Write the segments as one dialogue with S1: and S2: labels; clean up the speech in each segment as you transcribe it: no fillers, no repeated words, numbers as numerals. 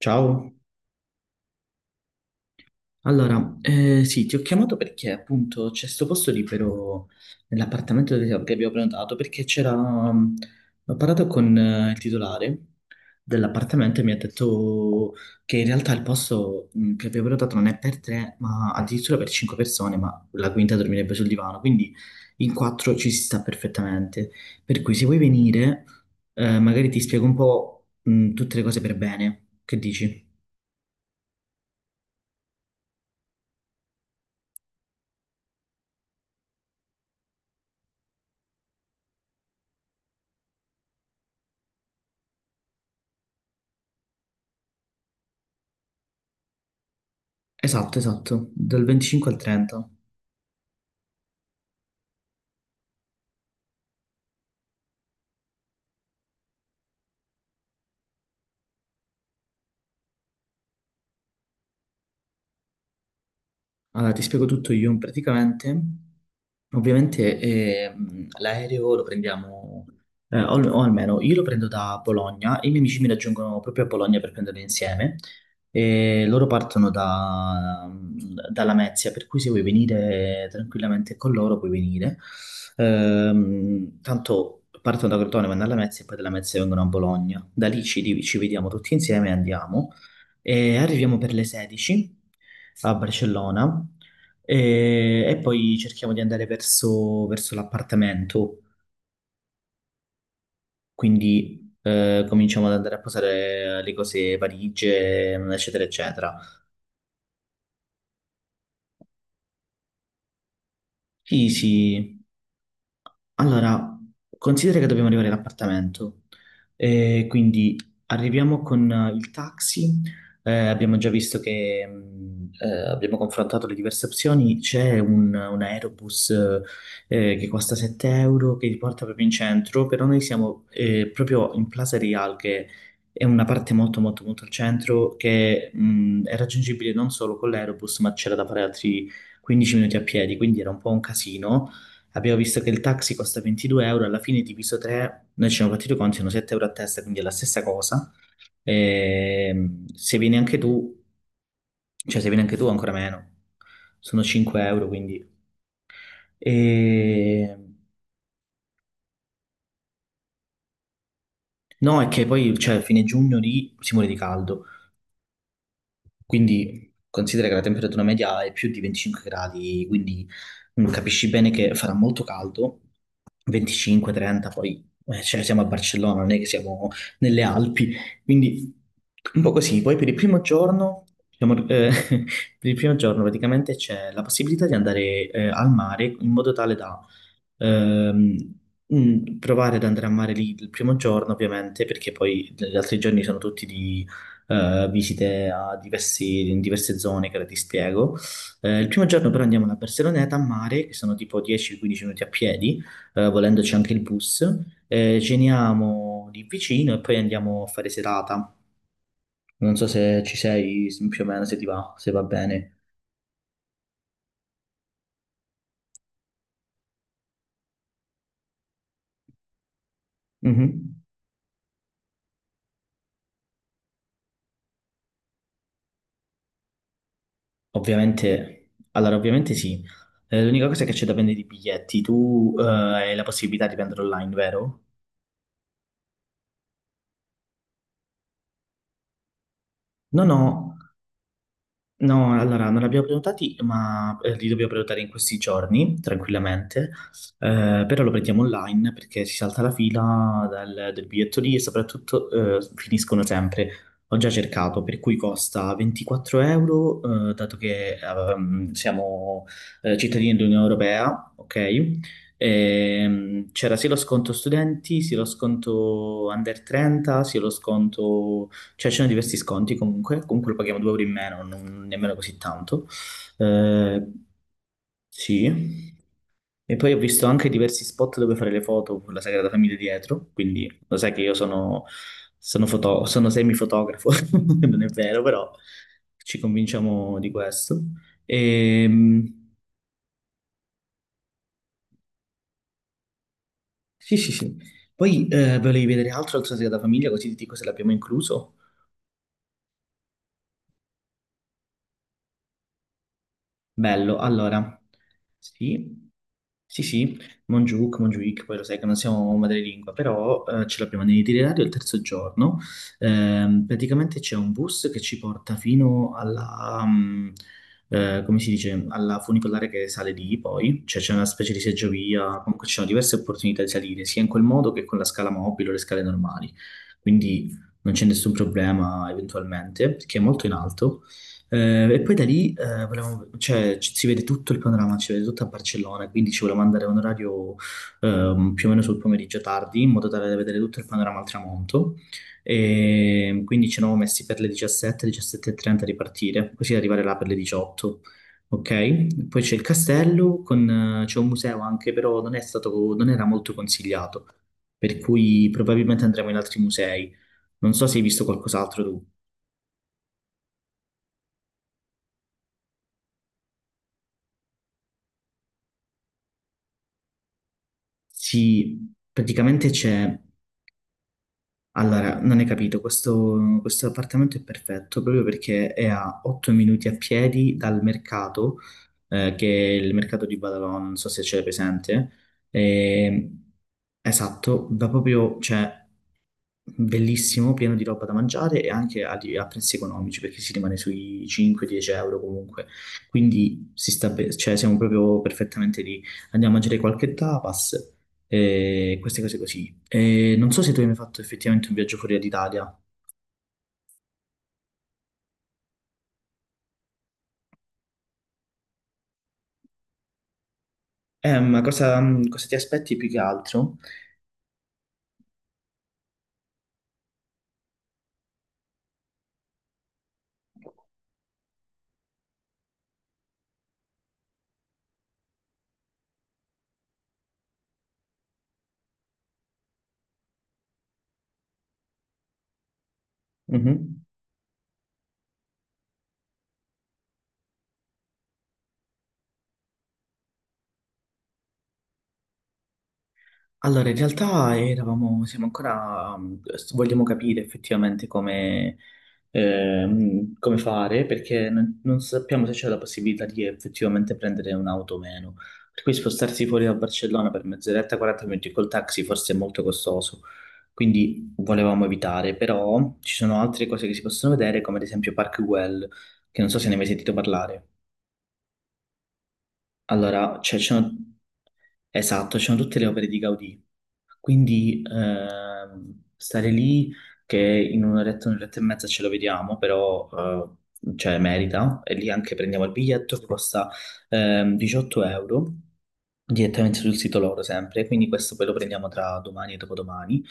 S1: Ciao, allora, sì, ti ho chiamato perché appunto c'è sto posto libero nell'appartamento che abbiamo prenotato perché c'era, mm, ho parlato con il titolare dell'appartamento e mi ha detto che in realtà il posto che abbiamo prenotato non è per tre, ma addirittura per cinque persone, ma la quinta dormirebbe sul divano, quindi in quattro ci si sta perfettamente. Per cui se vuoi venire, magari ti spiego un po', tutte le cose per bene, che dici? Esatto, esatto, dal 25 al 30. Allora, ti spiego tutto io praticamente. Ovviamente l'aereo lo prendiamo, o almeno io lo prendo da Bologna, i miei amici mi raggiungono proprio a Bologna per prenderlo insieme e loro partono da Lamezia, per cui se vuoi venire tranquillamente con loro puoi venire. Tanto partono da Crotone, vanno a Lamezia e poi da Lamezia vengono a Bologna. Da lì ci vediamo tutti insieme e andiamo. E arriviamo per le 16 a Barcellona e poi cerchiamo di andare verso l'appartamento, quindi cominciamo ad andare a posare le cose valigie, eccetera, eccetera. Sì, sì. Allora, considera che dobbiamo arrivare all'appartamento, quindi arriviamo con il taxi. Abbiamo già visto che abbiamo confrontato le diverse opzioni, c'è un aerobus che costa 7 euro che ti porta proprio in centro, però noi siamo proprio in Plaza Real che è una parte molto molto molto al centro che è raggiungibile non solo con l'aerobus ma c'era da fare altri 15 minuti a piedi, quindi era un po' un casino. Abbiamo visto che il taxi costa 22 euro, alla fine diviso 3, noi ci siamo fatti i conti, sono 7 euro a testa, quindi è la stessa cosa. Se vieni anche tu, cioè se vieni anche tu ancora meno, sono 5 euro, quindi. E... No, è che poi, cioè, a fine giugno lì si muore di caldo. Quindi considera che la temperatura media è più di 25 gradi, quindi capisci bene che farà molto caldo, 25-30, poi cioè, siamo a Barcellona, non è che siamo nelle Alpi, quindi un po' così. Poi per il primo giorno, diciamo, per il primo giorno praticamente c'è la possibilità di andare al mare in modo tale da ehm, provare ad andare a mare lì il primo giorno, ovviamente, perché poi gli altri giorni sono tutti di visite a in diverse zone che ora ti spiego. Il primo giorno però andiamo alla Barceloneta a mare, che sono tipo 10-15 minuti a piedi, volendoci anche il bus. Ceniamo lì vicino e poi andiamo a fare serata. Non so se ci sei più o meno, se ti va, se va bene. Mhm. Ovviamente, allora ovviamente sì. L'unica cosa è che c'è da prendere i biglietti. Tu, hai la possibilità di prendere online, vero? No, no. No, allora non li abbiamo prenotati, ma li dobbiamo prenotare in questi giorni, tranquillamente. Però lo prendiamo online perché si salta la fila del biglietto lì e soprattutto finiscono sempre. Ho già cercato, per cui costa 24 euro, dato che siamo cittadini dell'Unione Europea, ok? C'era sia lo sconto studenti, sia lo sconto under 30, sia lo sconto, cioè, c'erano diversi sconti comunque, comunque lo paghiamo 2 euro in meno, non nemmeno così tanto. Eh, sì. E poi ho visto anche diversi spot dove fare le foto con la Sagrada Famiglia dietro, quindi lo sai che io sono semifotografo, non è vero, però ci convinciamo di questo. Ehm, sì, sì, sì. Poi volevi vedere altro, altro Sagrada Famiglia, così ti dico se l'abbiamo incluso. Bello, allora, sì, sì, sì, Monjuk, Monjuic, poi lo sai che non siamo madrelingua, però ce l'abbiamo nell'itinerario il terzo giorno. Praticamente c'è un bus che ci porta fino alla, come si dice, alla funicolare che sale lì poi, cioè c'è una specie di seggiovia, comunque ci sono diverse opportunità di salire, sia in quel modo che con la scala mobile o le scale normali, quindi non c'è nessun problema eventualmente, perché è molto in alto. E poi da lì cioè, si vede tutto il panorama, si vede tutto a Barcellona, quindi ci volevamo andare a un orario più o meno sul pomeriggio tardi, in modo tale da vedere tutto il panorama al tramonto. E quindi ci eravamo messi per le 17, 17.30 a ripartire, così da arrivare là per le 18. Ok, poi c'è il castello, con, c'è un museo anche, però non è stato, non era molto consigliato, per cui probabilmente andremo in altri musei. Non so se hai visto qualcos'altro tu. Sì, praticamente c'è. Allora, non hai capito, questo appartamento è perfetto proprio perché è a 8 minuti a piedi dal mercato, che è il mercato di Badalona, non so se c'è presente. E- esatto, va proprio, cioè, bellissimo, pieno di roba da mangiare e anche a prezzi economici perché si rimane sui 5-10 euro comunque. Quindi si sta cioè, siamo proprio perfettamente lì. Andiamo a mangiare qualche tapas e queste cose così. E non so se tu hai mai fatto effettivamente un viaggio fuori d'Italia. Ma cosa ti aspetti più che altro? Mhm. Allora, in realtà eravamo, siamo ancora, vogliamo capire effettivamente come, come fare perché non sappiamo se c'è la possibilità di effettivamente prendere un'auto o meno. Per cui spostarsi fuori da Barcellona per mezz'oretta, 40 minuti col taxi forse è molto costoso. Quindi volevamo evitare, però ci sono altre cose che si possono vedere, come ad esempio Park Güell, che non so se ne hai mai sentito parlare. Allora, cioè, ci sono. Esatto, ci sono tutte le opere di Gaudì. Quindi stare lì, che in un'oretta, un'oretta e mezza ce lo vediamo, però cioè, merita. E lì anche prendiamo il biglietto che costa 18 euro direttamente sul sito loro sempre, quindi questo poi lo prendiamo tra domani e dopodomani.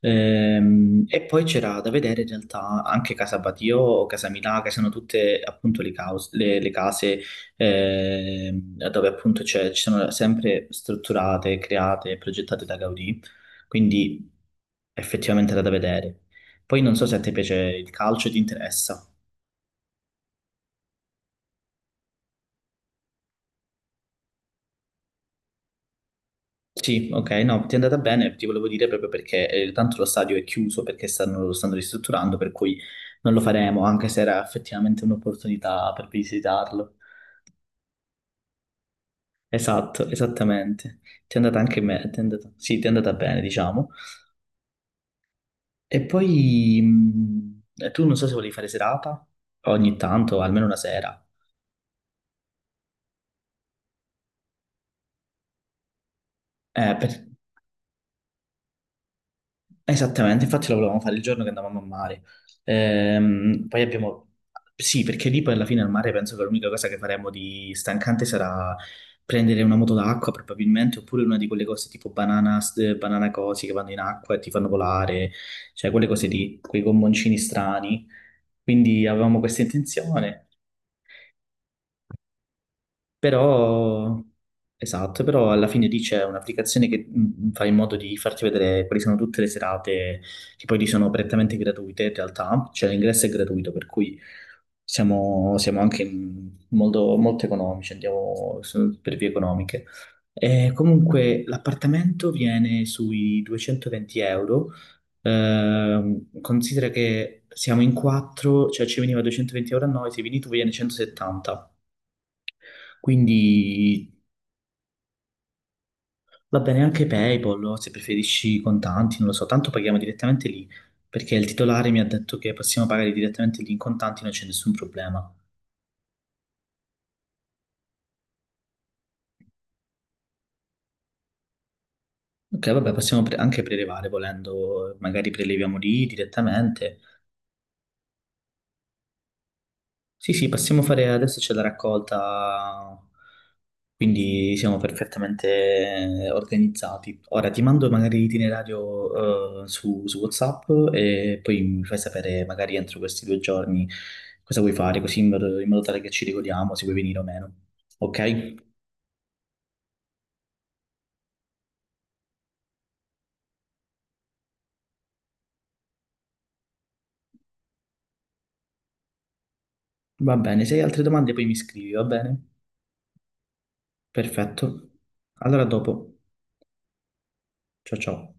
S1: E poi c'era da vedere in realtà anche Casa Batio, Casa Milà, che sono tutte appunto le case dove appunto ci sono sempre strutturate, create e progettate da Gaudì, quindi effettivamente era da vedere. Poi non so se a te piace il calcio e ti interessa. Sì, ok, no, ti è andata bene, ti volevo dire proprio perché tanto lo stadio è chiuso perché lo stanno ristrutturando, per cui non lo faremo, anche se era effettivamente un'opportunità per visitarlo. Esatto, esattamente. Ti è andata anche me, ti è andata, sì, ti è andata bene, diciamo. E poi tu non so se volevi fare serata, ogni tanto, almeno una sera. Eh, per- Esattamente, infatti lo volevamo fare il giorno che andavamo a mare. Poi abbiamo. Sì, perché lì poi alla fine al mare penso che l'unica cosa che faremo di stancante sarà prendere una moto d'acqua probabilmente, oppure una di quelle cose tipo banana, banana cosi che vanno in acqua e ti fanno volare, cioè quelle cose lì, quei gommoncini strani. Quindi avevamo questa intenzione. Però, esatto, però alla fine lì c'è un'applicazione che fa in modo di farti vedere quali sono tutte le serate, che poi lì sono prettamente gratuite in realtà, cioè l'ingresso è gratuito, per cui siamo anche molto, molto economici, andiamo per vie economiche. E comunque l'appartamento viene sui 220 euro. Considera che siamo in quattro, cioè ci veniva 220 euro a noi, se vieni tu viene 170. Quindi. Va bene anche PayPal, o se preferisci contanti, non lo so, tanto paghiamo direttamente lì, perché il titolare mi ha detto che possiamo pagare direttamente lì in contanti, non c'è nessun problema. Ok, vabbè, possiamo anche prelevare volendo, magari preleviamo lì direttamente. Sì, sì, possiamo fare, adesso c'è la raccolta. Quindi siamo perfettamente organizzati. Ora ti mando magari l'itinerario su WhatsApp e poi mi fai sapere magari entro questi due giorni cosa vuoi fare, così in modo tale che ci ricordiamo se vuoi venire o meno. Ok? Va bene, se hai altre domande poi mi scrivi, va bene? Perfetto. Allora a dopo. Ciao ciao.